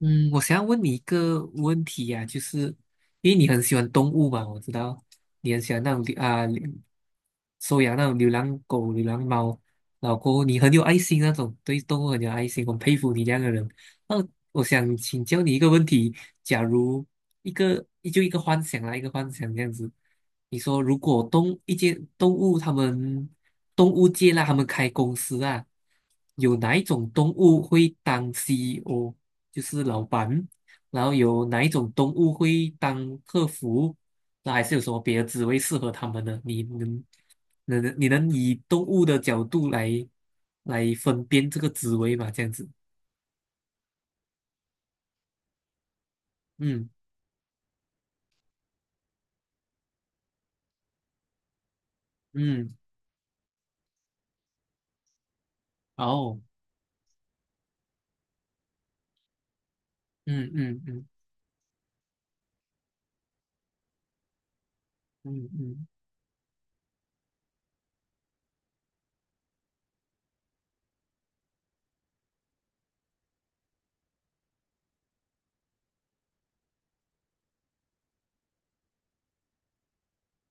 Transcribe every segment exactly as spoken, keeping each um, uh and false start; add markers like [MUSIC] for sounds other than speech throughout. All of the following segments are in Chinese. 嗯，我想要问你一个问题呀、就是因为你很喜欢动物嘛，我知道你很喜欢那种流啊、收养那种流浪狗、流浪猫，老公，你很有爱心那种，对动物很有爱心，我很佩服你这样的人。那我想请教你一个问题：假如一个就一个幻想啦，一个幻想这样子，你说如果动一间动物他们动物界啦，他们开公司啊，有哪一种动物会当 C E O？就是老板，然后有哪一种动物会当客服？那还是有什么别的职位适合他们的？你能能你能以动物的角度来来分辨这个职位嘛？这样子，嗯嗯，哦，嗯嗯嗯嗯嗯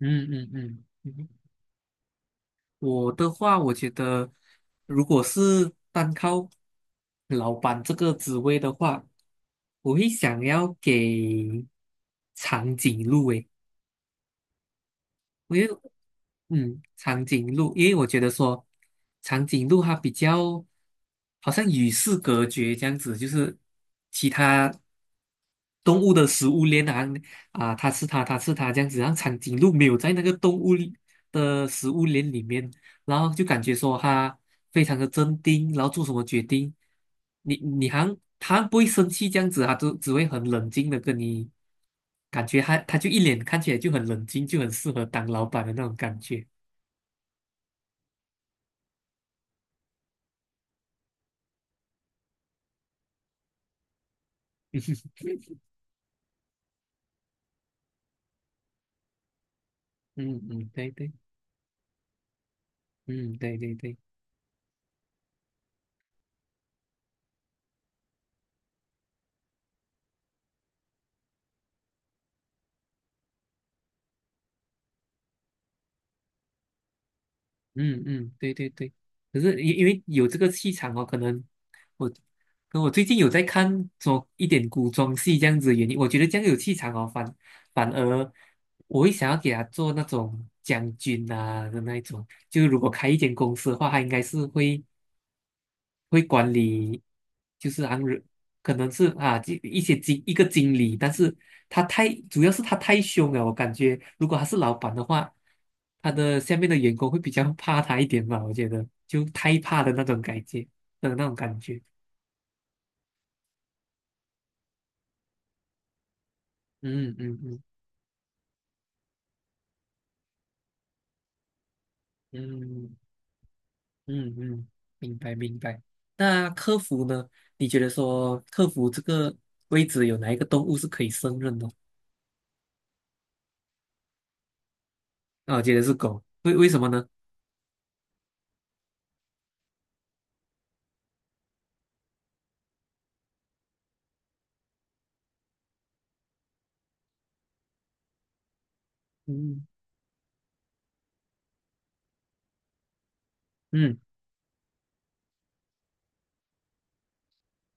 嗯嗯嗯嗯，我的话，我觉得如果是单靠老板这个职位的话，我会想要给长颈鹿诶。因为嗯，长颈鹿，因为我觉得说长颈鹿它比较好像与世隔绝这样子，就是其他动物的食物链啊啊，它吃它，它吃它这样子，然后长颈鹿没有在那个动物里的食物链里面，然后就感觉说它非常的镇定，然后做什么决定，你你好像它不会生气这样子，它都只会很冷静的跟你，感觉它它就一脸看起来就很冷静，就很适合当老板的那种感觉。嗯。嗯嗯，对对，嗯对对对，嗯嗯对对对。可是因因为有这个气场哦，可能我，可我最近有在看做一点古装戏这样子的原因，我觉得这样有气场哦，反反而我会想要给他做那种将军啊的那一种。就如果开一间公司的话，他应该是会。会管理，就是让人可能是啊，一一些经一个经理，但是他太主要是他太凶了，我感觉如果他是老板的话，他的下面的员工会比较怕他一点吧，我觉得就太怕的那种感觉的那种感觉。嗯嗯嗯嗯嗯嗯，明白明白。那客服呢？你觉得说客服这个位置有哪一个动物是可以胜任的？啊，我觉得是狗，为为什么呢？嗯嗯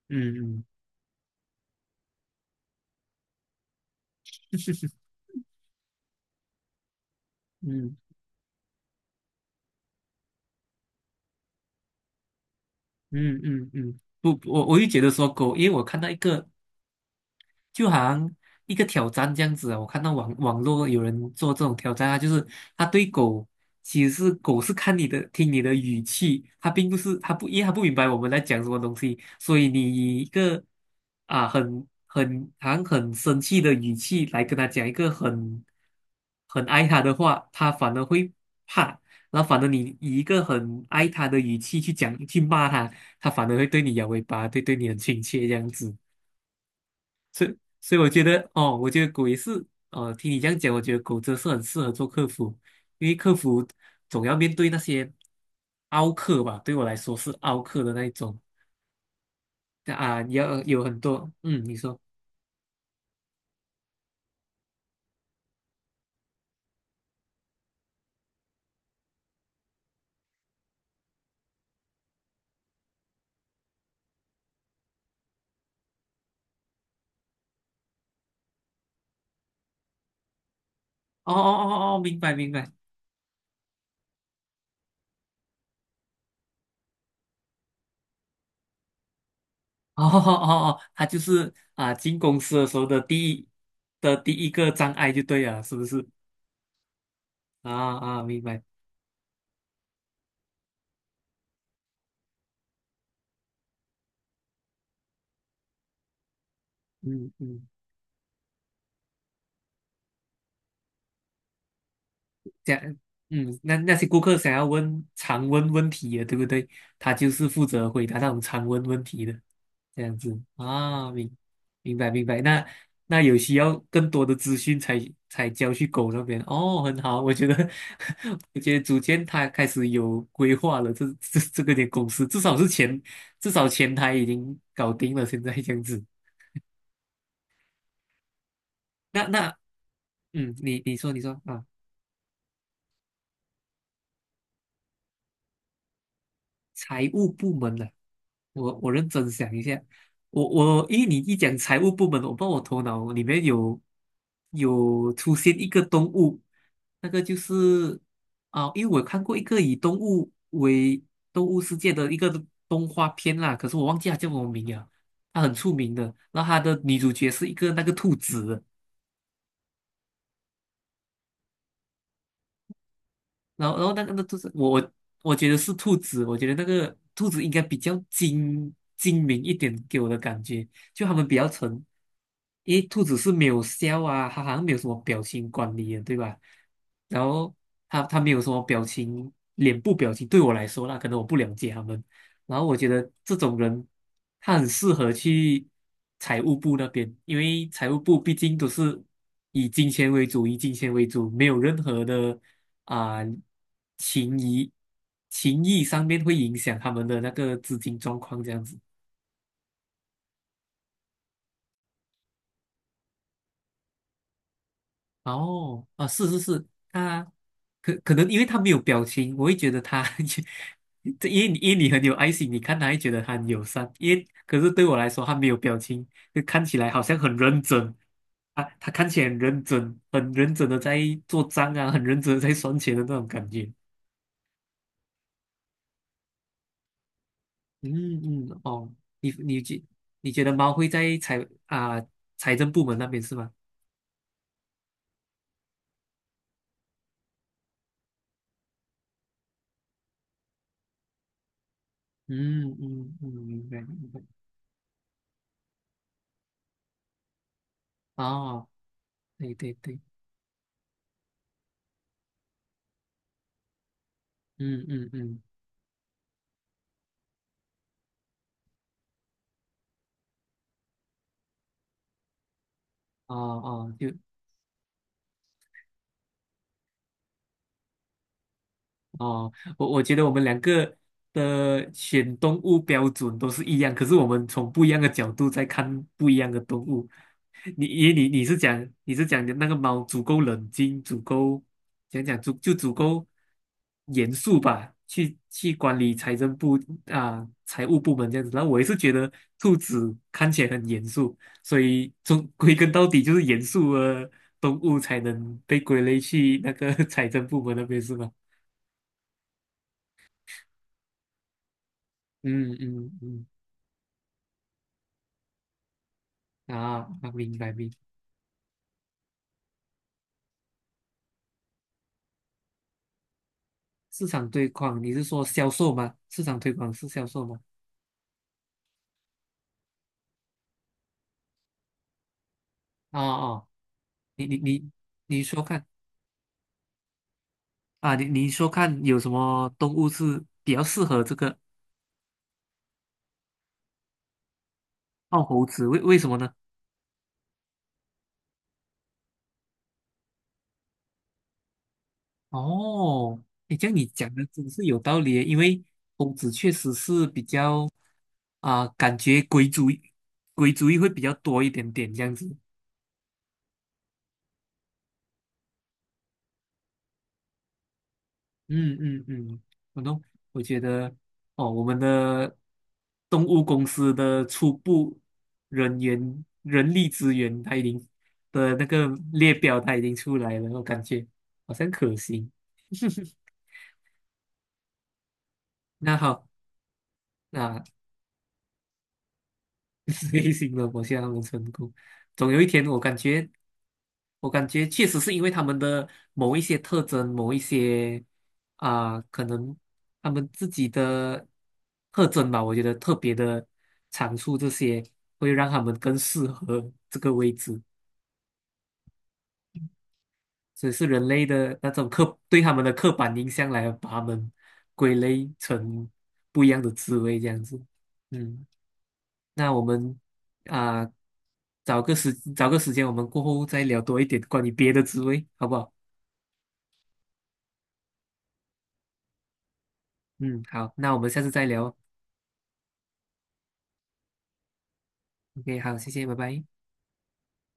嗯嗯。[LAUGHS] 嗯嗯嗯嗯，不，我我也觉得说狗，因为我看到一个，就好像一个挑战这样子啊。我看到网网络有人做这种挑战啊，就是他对狗，其实是狗是看你的，听你的语气，它并不是它不，因为它不明白我们在讲什么东西，所以你以一个啊很很好像很生气的语气来跟他讲一个很很爱他的话，他反而会怕。然后反而你以一个很爱他的语气去讲去骂他，他反而会对你摇尾巴，对对你很亲切这样子。对，所以我觉得哦，我觉得狗也是，呃，听你这样讲，我觉得狗真是很适合做客服，因为客服总要面对那些凹客吧，对我来说是凹客的那一种啊，你要有很多，嗯，你说，哦哦哦哦，哦明白明白，哦哦哦哦，他就是啊，进公司的时候的第一的第一个障碍就对了，是不是？啊啊，明白，嗯嗯。这样，嗯，那那些顾客想要问常问问题的，对不对？他就是负责回答那种常问问题的，这样子啊，明明白明白。那那有需要更多的资讯才才交去狗那边哦，很好，我觉得 [LAUGHS] 我觉得逐渐他开始有规划了，这这这个点公司至少是前至少前台已经搞定了，现在这样子。那那嗯，你你说你说啊。财务部门的，我我认真想一下，我我因为你一讲财务部门，我不知道我头脑里面有有出现一个动物，那个就是啊，因为我看过一个以动物为动物世界的一个动画片啦，可是我忘记它叫什么名了，它很出名的，然后它的女主角是一个那个兔子，然后然后那个那兔子，我我我觉得是兔子，我觉得那个兔子应该比较精精明一点，给我的感觉，就他们比较沉，因为兔子是没有笑啊，它好像没有什么表情管理的，对吧？然后它它没有什么表情，脸部表情对我来说那可能我不了解他们，然后我觉得这种人他很适合去财务部那边，因为财务部毕竟都是以金钱为主，以金钱为主，没有任何的。啊、情谊情谊上面会影响他们的那个资金状况这样子。哦，啊，是是是，他可可能因为他没有表情，我会觉得他 [LAUGHS] 这因为你因为你很有爱心，你看他会觉得他很友善，因为可是对我来说他没有表情，就看起来好像很认真。啊，他看起来很认真，很认真的在做账啊，很认真的在算钱的那种感觉。嗯嗯，嗯哦，你你觉你觉得猫会在财啊、财政部门那边是吗？嗯嗯嗯，明白明白。哦，对对对，嗯嗯嗯，哦哦，就哦，我我觉得我们两个的选动物标准都是一样，可是我们从不一样的角度在看不一样的动物。你你你你是讲你是讲的那个猫足够冷静，足够讲讲足就足够严肃吧，去去管理财政部啊财务部门这样子。然后我也是觉得兔子看起来很严肃，所以终归根到底就是严肃的动物才能被归类去那个 [LAUGHS] 财政部门那边是吗？嗯嗯嗯，啊啊，明白明白。市场推广，你是说销售吗？市场推广是销售吗？哦哦，你你你你说看啊，你你说看有什么动物是比较适合这个澳猴子？为为什么呢？哦，你这样你讲的真是有道理耶因为猴子确实是比较啊，感觉鬼主意鬼主意会比较多一点点这样子。嗯嗯嗯，我懂。我觉得哦，我们的动物公司的初步人员人力资源，它已经的那个列表它已经出来了，我感觉好像可行。那好，那 [LAUGHS] 内心的我希望我们成功。总有一天，我感觉我感觉确实是因为他们的某一些特征，某一些啊、可能他们自己的特征吧，我觉得特别的长处，这些会让他们更适合这个位置，所以是人类的那种刻对他们的刻板印象来把他们归类成不一样的滋味，这样子。嗯，那我们啊、找个时找个时间，我们过后再聊多一点关于别的滋味，好不好？嗯，好，那我们下次再聊。OK，好，谢谢，拜拜。